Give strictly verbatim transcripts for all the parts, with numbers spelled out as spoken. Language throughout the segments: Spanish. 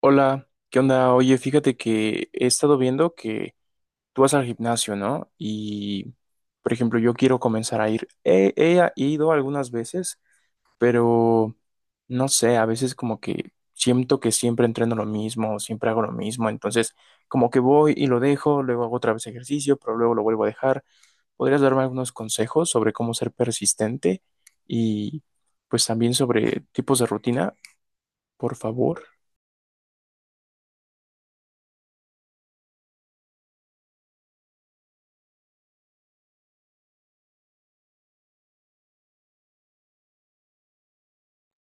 Hola, ¿qué onda? Oye, fíjate que he estado viendo que tú vas al gimnasio, ¿no? Y, por ejemplo, yo quiero comenzar a ir. He, he ido algunas veces, pero no sé, a veces como que siento que siempre entreno lo mismo, siempre hago lo mismo, entonces como que voy y lo dejo, luego hago otra vez ejercicio, pero luego lo vuelvo a dejar. ¿Podrías darme algunos consejos sobre cómo ser persistente y pues también sobre tipos de rutina, por favor?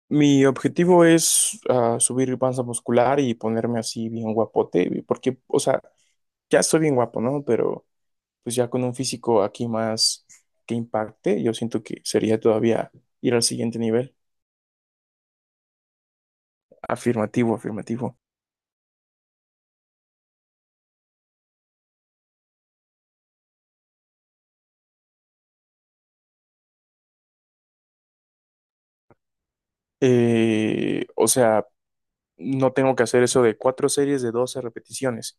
Mi objetivo es ah, subir panza muscular y ponerme así bien guapote, porque, o sea, ya estoy bien guapo, ¿no? Pero pues ya con un físico aquí más que impacte, yo siento que sería todavía ir al siguiente nivel. Afirmativo, afirmativo. Eh, o sea, no tengo que hacer eso de cuatro series de doce repeticiones.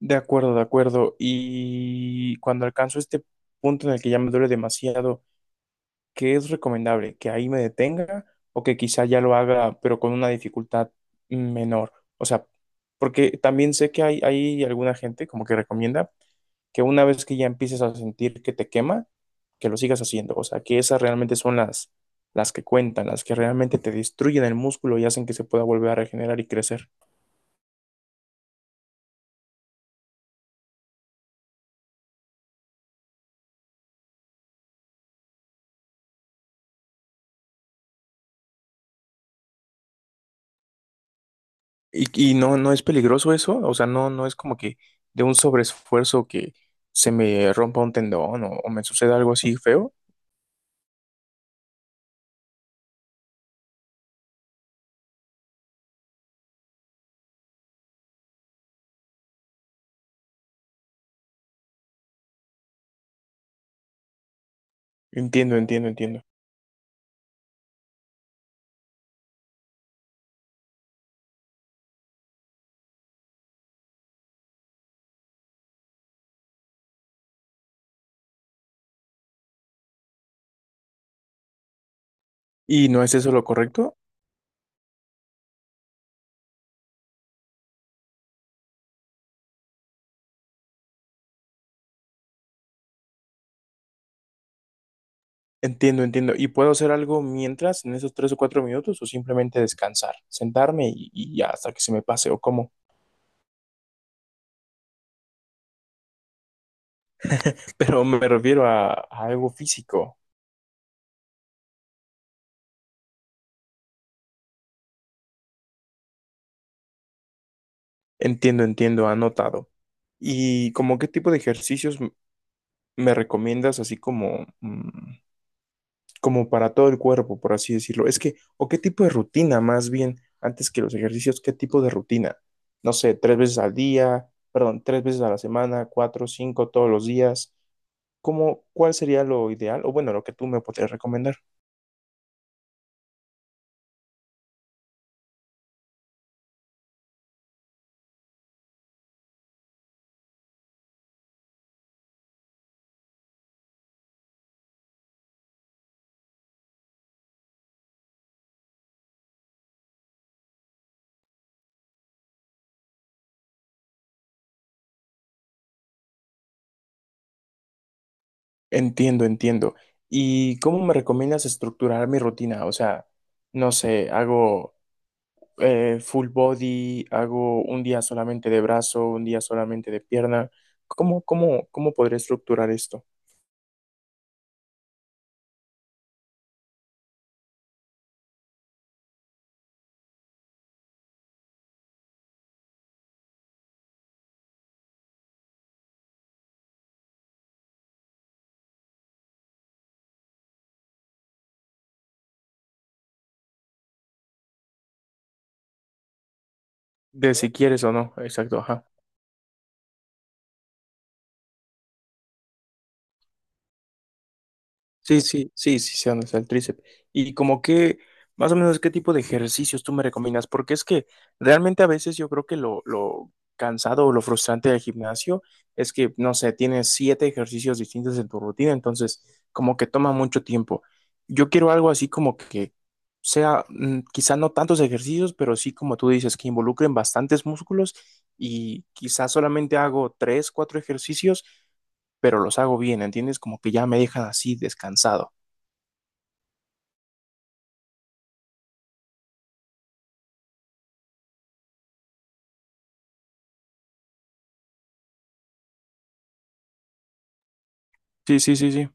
De acuerdo, de acuerdo. Y cuando alcanzo este punto en el que ya me duele demasiado, ¿qué es recomendable? ¿Que ahí me detenga o que quizá ya lo haga, pero con una dificultad menor? O sea, porque también sé que hay, hay alguna gente como que recomienda que una vez que ya empieces a sentir que te quema, que lo sigas haciendo. O sea, que esas realmente son las, las que cuentan, las que realmente te destruyen el músculo y hacen que se pueda volver a regenerar y crecer. Y, y no, no es peligroso eso, o sea, no, no es como que de un sobreesfuerzo que se me rompa un tendón o o me suceda algo así feo. Entiendo, entiendo, entiendo. ¿Y no es eso lo correcto? Entiendo, entiendo. ¿Y puedo hacer algo mientras, en esos tres o cuatro minutos, o simplemente descansar, sentarme y, y ya hasta que se me pase o cómo? Pero me refiero a, a algo físico. Entiendo, entiendo, anotado. ¿Y como qué tipo de ejercicios m- me recomiendas, así como mm, como para todo el cuerpo, por así decirlo? Es que, o qué tipo de rutina más bien, antes que los ejercicios, qué tipo de rutina. No sé, tres veces al día, perdón, tres veces a la semana, cuatro, cinco, todos los días. ¿Cómo, cuál sería lo ideal? O bueno, lo que tú me podrías recomendar. Entiendo, entiendo. ¿Y cómo me recomiendas estructurar mi rutina? O sea, no sé, hago eh, full body, hago un día solamente de brazo, un día solamente de pierna. ¿Cómo, cómo, cómo podría estructurar esto? De si quieres o no, exacto, ajá. Sí, sí, sí, sí, sé dónde está el tríceps. Y como que, más o menos, ¿qué tipo de ejercicios tú me recomiendas? Porque es que realmente a veces yo creo que lo, lo cansado o lo frustrante del gimnasio es que, no sé, tienes siete ejercicios distintos en tu rutina, entonces como que toma mucho tiempo. Yo quiero algo así como que sea, mm, quizá no tantos ejercicios, pero sí como tú dices, que involucren bastantes músculos y quizá solamente hago tres, cuatro ejercicios pero los hago bien, ¿entiendes? Como que ya me dejan así descansado. Sí, sí, sí, sí.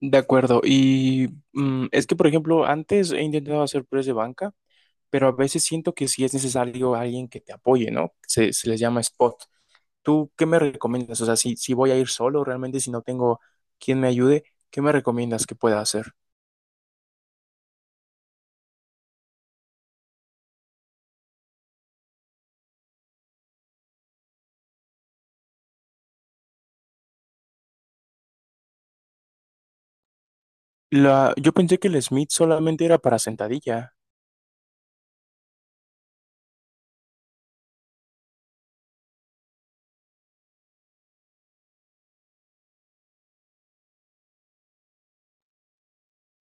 De acuerdo. Y mm, es que, por ejemplo, antes he intentado hacer press de banca, pero a veces siento que sí es necesario alguien que te apoye, ¿no? Se, se les llama spot. ¿Tú qué me recomiendas? O sea, si, si voy a ir solo, realmente si no tengo quien me ayude, ¿qué me recomiendas que pueda hacer? La, yo pensé que el Smith solamente era para sentadilla.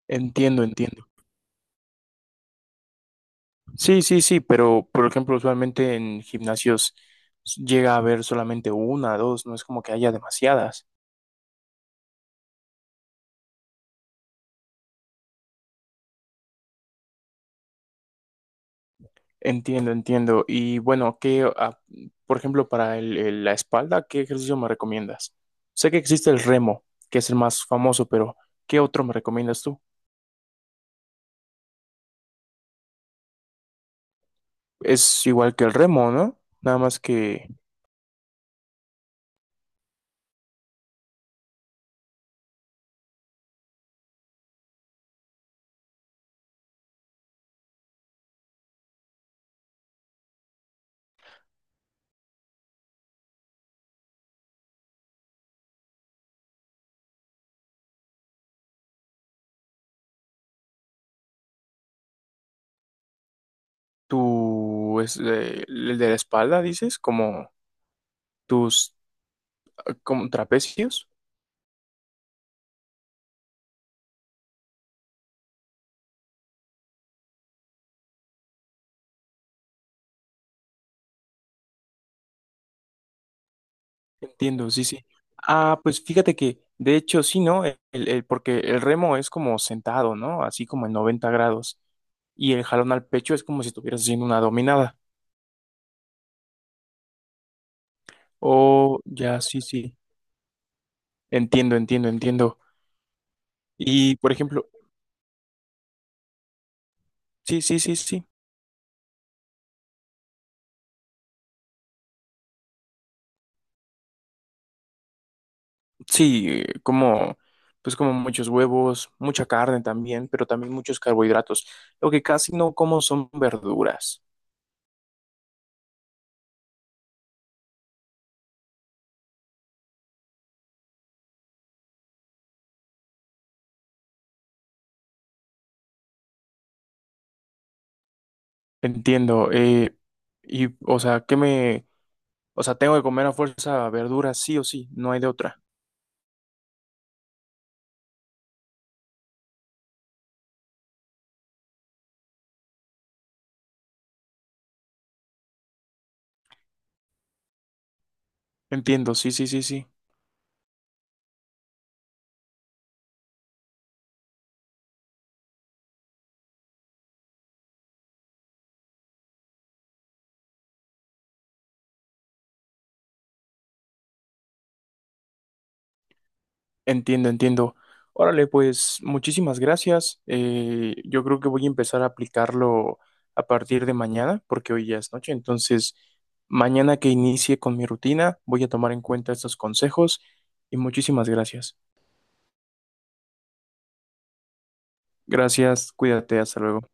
Entiendo, entiendo. Sí, sí, sí, pero por ejemplo, usualmente en gimnasios llega a haber solamente una, dos, no es como que haya demasiadas. Entiendo, entiendo. Y bueno, ¿qué, ah, por ejemplo, para el- el- la espalda, qué ejercicio me recomiendas? Sé que existe el remo, que es el más famoso, pero ¿qué otro me recomiendas tú? Es igual que el remo, ¿no? Nada más que tú, es, eh, el de la espalda, dices, como tus, como trapecios. Entiendo, sí, sí. Ah, pues fíjate que, de hecho, sí, ¿no? El, el- porque el remo es como sentado, ¿no? Así como en noventa grados. Y el jalón al pecho es como si estuvieras haciendo una dominada. Oh, ya, sí, sí. Entiendo, entiendo, entiendo. Y, por ejemplo, sí, sí, sí, sí. Sí, eh, como, pues como muchos huevos, mucha carne también, pero también muchos carbohidratos. Lo que casi no como son verduras. Entiendo. Eh, y, o sea, ¿qué me, o sea, tengo que comer a fuerza verduras sí o sí, no hay de otra? Entiendo, sí, sí, sí, sí. Entiendo, entiendo. Órale, pues muchísimas gracias. Eh, yo creo que voy a empezar a aplicarlo a partir de mañana, porque hoy ya es noche. Entonces, mañana que inicie con mi rutina, voy a tomar en cuenta estos consejos y muchísimas gracias. Gracias, cuídate, hasta luego.